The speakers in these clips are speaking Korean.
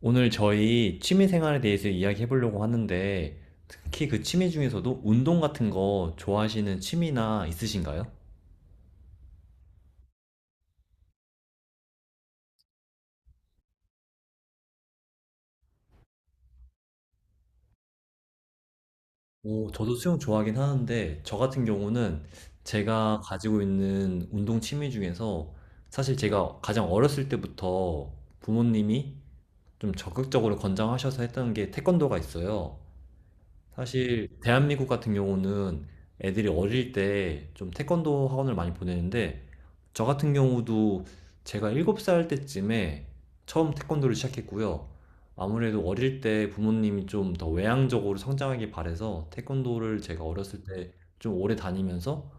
오늘 저희 취미 생활에 대해서 이야기해 보려고 하는데, 특히 그 취미 중에서도 운동 같은 거 좋아하시는 취미나 있으신가요? 오, 저도 수영 좋아하긴 하는데, 저 같은 경우는 제가 가지고 있는 운동 취미 중에서 사실 제가 가장 어렸을 때부터 부모님이 좀 적극적으로 권장하셔서 했던 게 태권도가 있어요. 사실 대한민국 같은 경우는 애들이 어릴 때 좀 태권도 학원을 많이 보내는데 저 같은 경우도 제가 7살 때쯤에 처음 태권도를 시작했고요. 아무래도 어릴 때 부모님이 좀 더 외향적으로 성장하길 바래서 태권도를 제가 어렸을 때 좀 오래 다니면서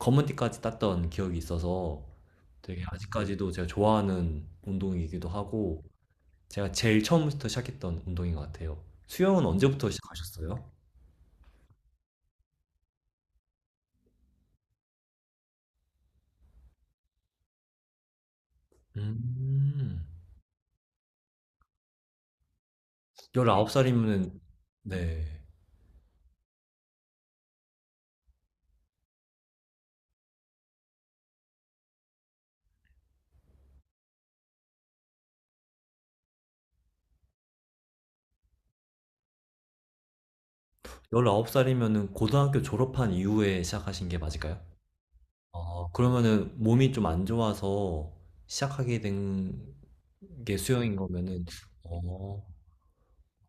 검은띠까지 땄던 기억이 있어서 되게 아직까지도 제가 좋아하는 운동이기도 하고 제가 제일 처음부터 시작했던 운동인 것 같아요. 수영은 언제부터 시작하셨어요? 음. 열 19살이면은 네. 아홉 살이면은 고등학교 졸업한 이후에 시작하신 게 맞을까요? 아, 그러면은 몸이 좀 안 좋아서 시작하게 된 게 수영인 거면은 어,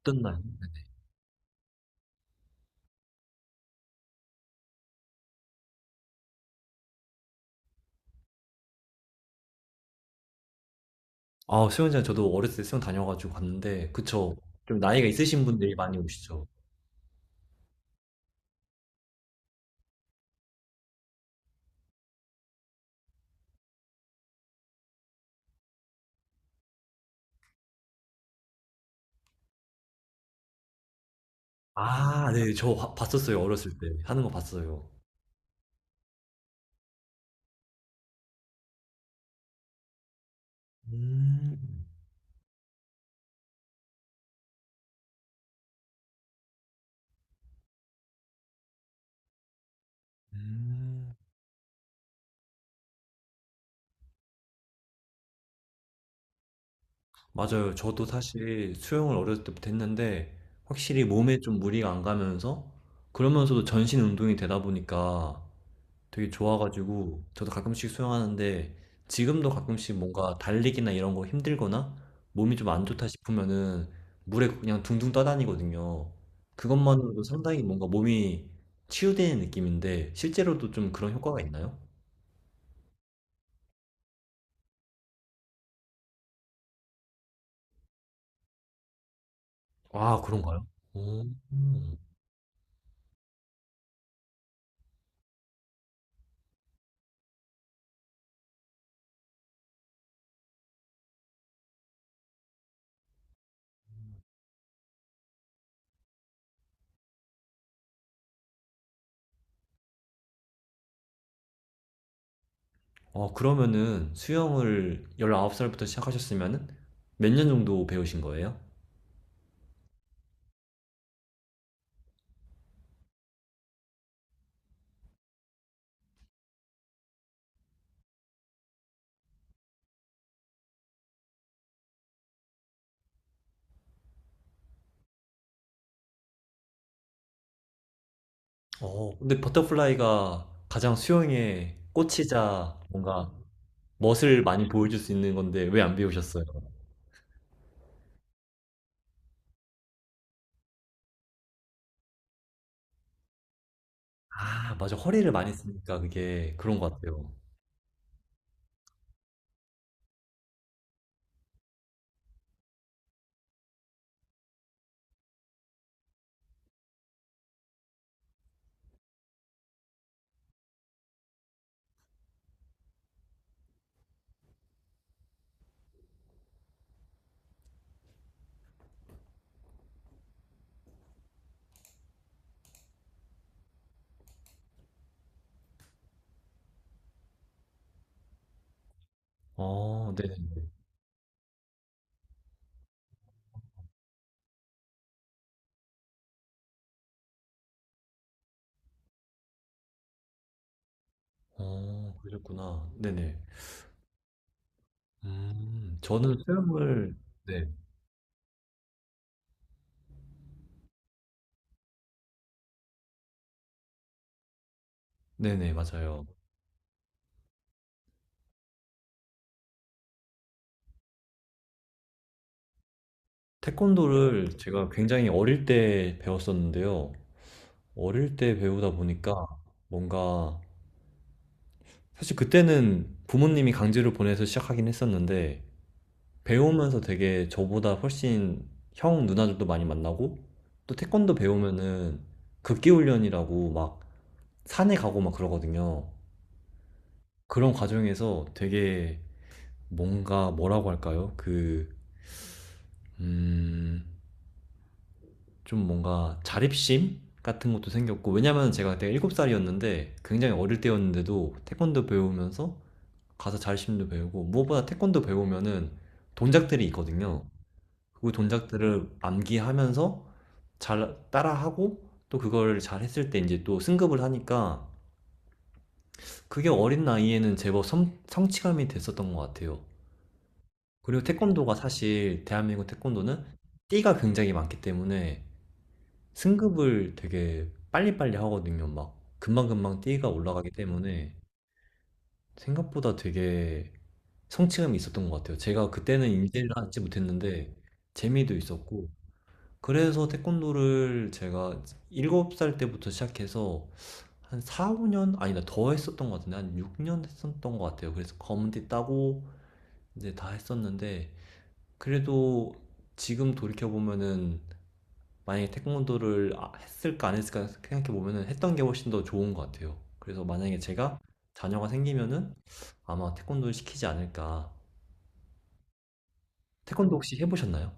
어땠나요? 아, 수영장 저도 어렸을 때 수영 다녀가지고 갔는데 그쵸. 좀 나이가 있으신 분들이 많이 오시죠. 아, 네. 저 봤었어요. 어렸을 때 하는 거 봤어요. 음. 음. 맞아요. 저도 사실 수영을 어렸을 때부터 했는데 확실히 몸에 좀 무리가 안 가면서 그러면서도 전신 운동이 되다 보니까 되게 좋아가지고 저도 가끔씩 수영하는데 지금도 가끔씩 뭔가 달리기나 이런 거 힘들거나 몸이 좀 안 좋다 싶으면은 물에 그냥 둥둥 떠다니거든요. 그것만으로도 상당히 뭔가 몸이 치유되는 느낌인데 실제로도 좀 그런 효과가 있나요? 아, 그런가요? 오. 어, 그러면은 수영을 19살부터 시작하셨으면은 몇 년 정도 배우신 거예요? 어, 근데 버터플라이가 가장 수영의 꽃이자 뭔가 멋을 많이 보여줄 수 있는 건데 왜 안 배우셨어요? 아, 맞아. 허리를 많이 쓰니까 그게 그런 것 같아요. 어, 네네. 어, 그러셨구나. 네네. 저는 수영을, 네. 네네, 맞아요. 태권도를 제가 굉장히 어릴 때 배웠었는데요. 어릴 때 배우다 보니까 뭔가 사실 그때는 부모님이 강제로 보내서 시작하긴 했었는데 배우면서 되게 저보다 훨씬 형 누나들도 많이 만나고 또 태권도 배우면은 극기훈련이라고 막 산에 가고 막 그러거든요. 그런 과정에서 되게 뭔가 뭐라고 할까요? 음, 좀 뭔가 자립심 같은 것도 생겼고 왜냐면 제가 그때 일곱 살이었는데 굉장히 어릴 때였는데도 태권도 배우면서 가서 자립심도 배우고 무엇보다 태권도 배우면은 동작들이 있거든요. 그 동작들을 암기하면서 잘 따라하고 또 그걸 잘 했을 때 이제 또 승급을 하니까 그게 어린 나이에는 제법 성취감이 됐었던 것 같아요. 그리고 태권도가 사실 대한민국 태권도는 띠가 굉장히 많기 때문에 승급을 되게 빨리빨리 하거든요. 막 금방금방 띠가 올라가기 때문에 생각보다 되게 성취감이 있었던 것 같아요. 제가 그때는 인지를 하지 못했는데 재미도 있었고 그래서 태권도를 제가 7살 때부터 시작해서 한 4, 5년 아니다 더 했었던 것 같은데 한 6년 했었던 것 같아요. 그래서 검은띠 따고 이제 다 했었는데 그래도 지금 돌이켜 보면은 만약에 태권도를 했을까 안 했을까 생각해 보면은 했던 게 훨씬 더 좋은 것 같아요. 그래서 만약에 제가 자녀가 생기면은 아마 태권도를 시키지 않을까. 태권도 혹시 해보셨나요?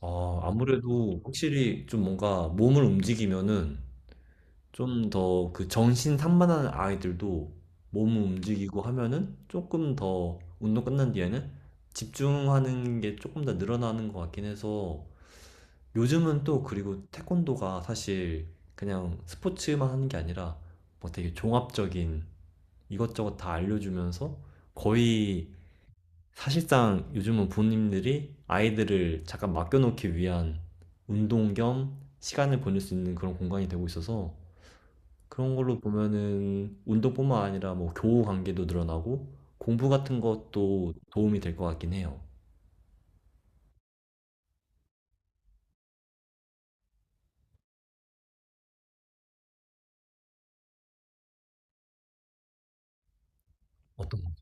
아, 아무래도 확실히 좀 뭔가 몸을 움직이면은 좀 더 그 정신 산만한 아이들도 몸을 움직이고 하면은 조금 더 운동 끝난 뒤에는 집중하는 게 조금 더 늘어나는 것 같긴 해서 요즘은 또 그리고 태권도가 사실 그냥 스포츠만 하는 게 아니라 뭐 되게 종합적인 이것저것 다 알려주면서 거의 사실상 요즘은 부모님들이 아이들을 잠깐 맡겨놓기 위한 운동 겸 시간을 보낼 수 있는 그런 공간이 되고 있어서 그런 걸로 보면은 운동뿐만 아니라 뭐 교우 관계도 늘어나고 공부 같은 것도 도움이 될 것 같긴 해요. 어떤가요?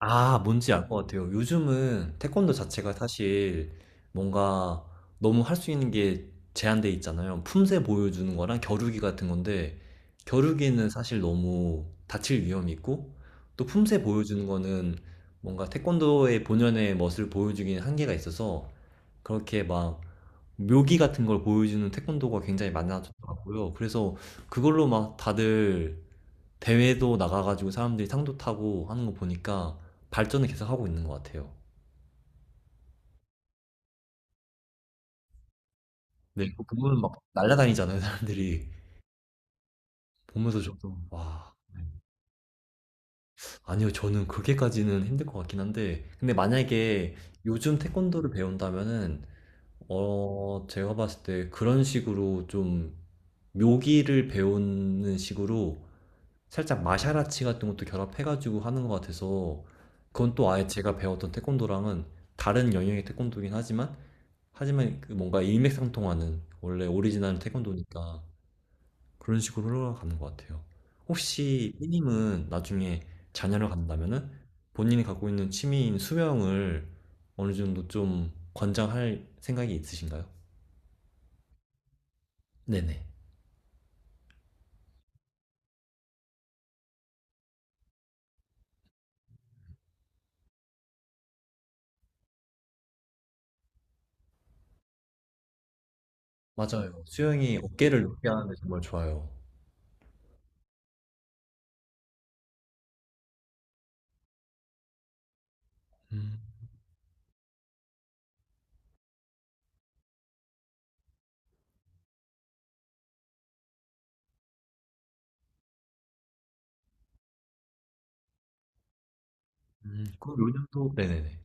아, 뭔지 알 것 같아요. 요즘은 태권도 자체가 사실 뭔가 너무 할 수 있는 게 제한돼 있잖아요. 품새 보여주는 거랑 겨루기 같은 건데, 겨루기는 사실 너무 다칠 위험이 있고, 또 품새 보여주는 거는 뭔가 태권도의 본연의 멋을 보여주기는 한계가 있어서, 그렇게 막 묘기 같은 걸 보여주는 태권도가 굉장히 많아졌더라고요. 그래서 그걸로 막 다들 대회도 나가가지고 사람들이 상도 타고 하는 거 보니까 발전을 계속 하고 있는 것 같아요. 네, 그 부분은 막 날라다니잖아요, 사람들이. 보면서 저도 와. 아니요, 저는 그렇게까지는 힘들 것 같긴 한데, 근데 만약에 요즘 태권도를 배운다면은, 어, 제가 봤을 때 그런 식으로 좀 묘기를 배우는 식으로 살짝 마샤라치 같은 것도 결합해가지고 하는 것 같아서, 그건 또 아예 제가 배웠던 태권도랑은 다른 영역의 태권도긴 하지만, 하지만 그 뭔가 일맥상통하는 원래 오리지널 태권도니까 그런 식으로 흘러가는 것 같아요. 혹시 삐님은 나중에 자녀를 갖는다면은 본인이 갖고 있는 취미인 수영을 어느 정도 좀 권장할 생각이 있으신가요? 네네. 맞아요. 수영이 어깨를 높게 하는데 정말 좋아요. 음, 그럼 요즘도 네네네.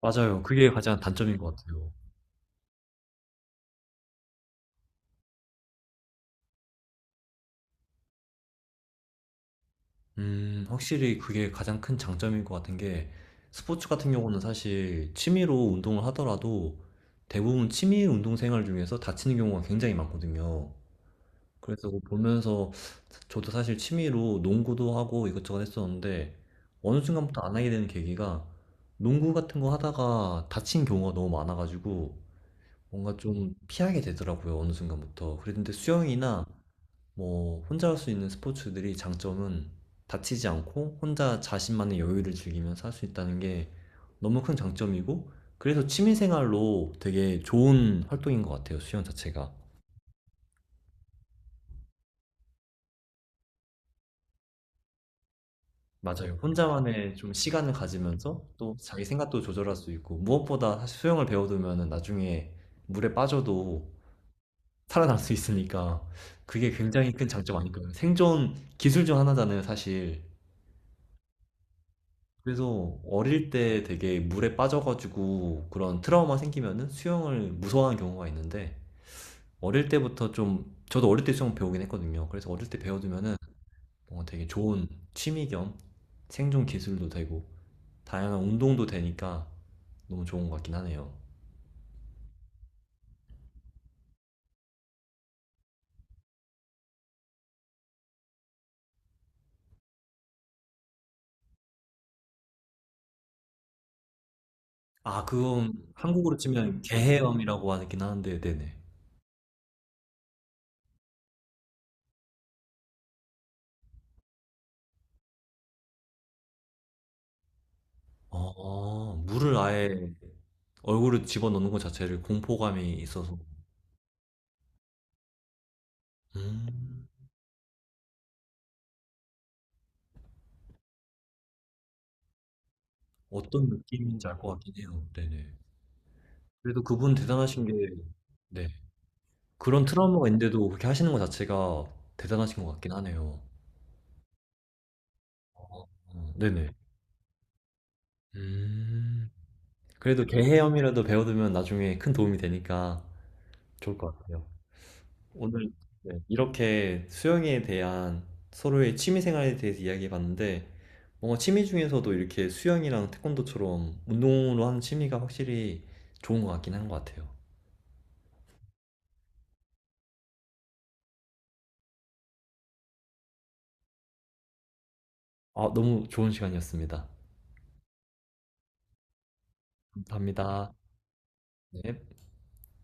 맞아요. 그게 가장 단점인 것 같아요. 음, 확실히 그게 가장 큰 장점인 것 같은 게 스포츠 같은 경우는 사실 취미로 운동을 하더라도 대부분 취미 운동 생활 중에서 다치는 경우가 굉장히 많거든요. 그래서 그거 보면서 저도 사실 취미로 농구도 하고 이것저것 했었는데 어느 순간부터 안 하게 되는 계기가 농구 같은 거 하다가 다친 경우가 너무 많아가지고 뭔가 좀 피하게 되더라고요. 어느 순간부터. 그랬는데 수영이나 뭐 혼자 할 수 있는 스포츠들이 장점은 다치지 않고 혼자 자신만의 여유를 즐기면서 할 수 있다는 게 너무 큰 장점이고 그래서 취미생활로 되게 좋은 활동인 것 같아요, 수영 자체가. 맞아요. 혼자만의 좀 시간을 가지면서 또 자기 생각도 조절할 수 있고 무엇보다 사실 수영을 배워두면 나중에 물에 빠져도 살아날 수 있으니까 그게 굉장히 큰 장점 아닐까요? 생존 기술 중 하나잖아요, 사실. 그래서 어릴 때 되게 물에 빠져가지고 그런 트라우마 생기면은 수영을 무서워하는 경우가 있는데 어릴 때부터 좀 저도 어릴 때 수영 배우긴 했거든요. 그래서 어릴 때 배워두면은 뭔가 되게 좋은 취미 겸 생존 기술도 되고 다양한 운동도 되니까 너무 좋은 것 같긴 하네요. 아, 그건 한국으로 치면 개헤엄이라고 하긴 하는데, 네네. 어, 물을 아예 얼굴을 집어넣는 것 자체를 공포감이 있어서, 음, 어떤 느낌인지 알 것 같긴 해요. 네네. 그래도 그분 대단하신 게, 네. 그런 트라우마가 있는데도 그렇게 하시는 것 자체가 대단하신 것 같긴 하네요. 어, 네네. 음, 그래도 개헤엄이라도 배워두면 나중에 큰 도움이 되니까 좋을 것 같아요. 오늘 네, 이렇게 수영에 대한 서로의 취미 생활에 대해서 이야기해 봤는데, 뭔가 취미 중에서도 이렇게 수영이랑 태권도처럼 운동으로 하는 취미가 확실히 좋은 것 같긴 한 것 같아요. 아, 너무 좋은 시간이었습니다. 감사합니다. 네.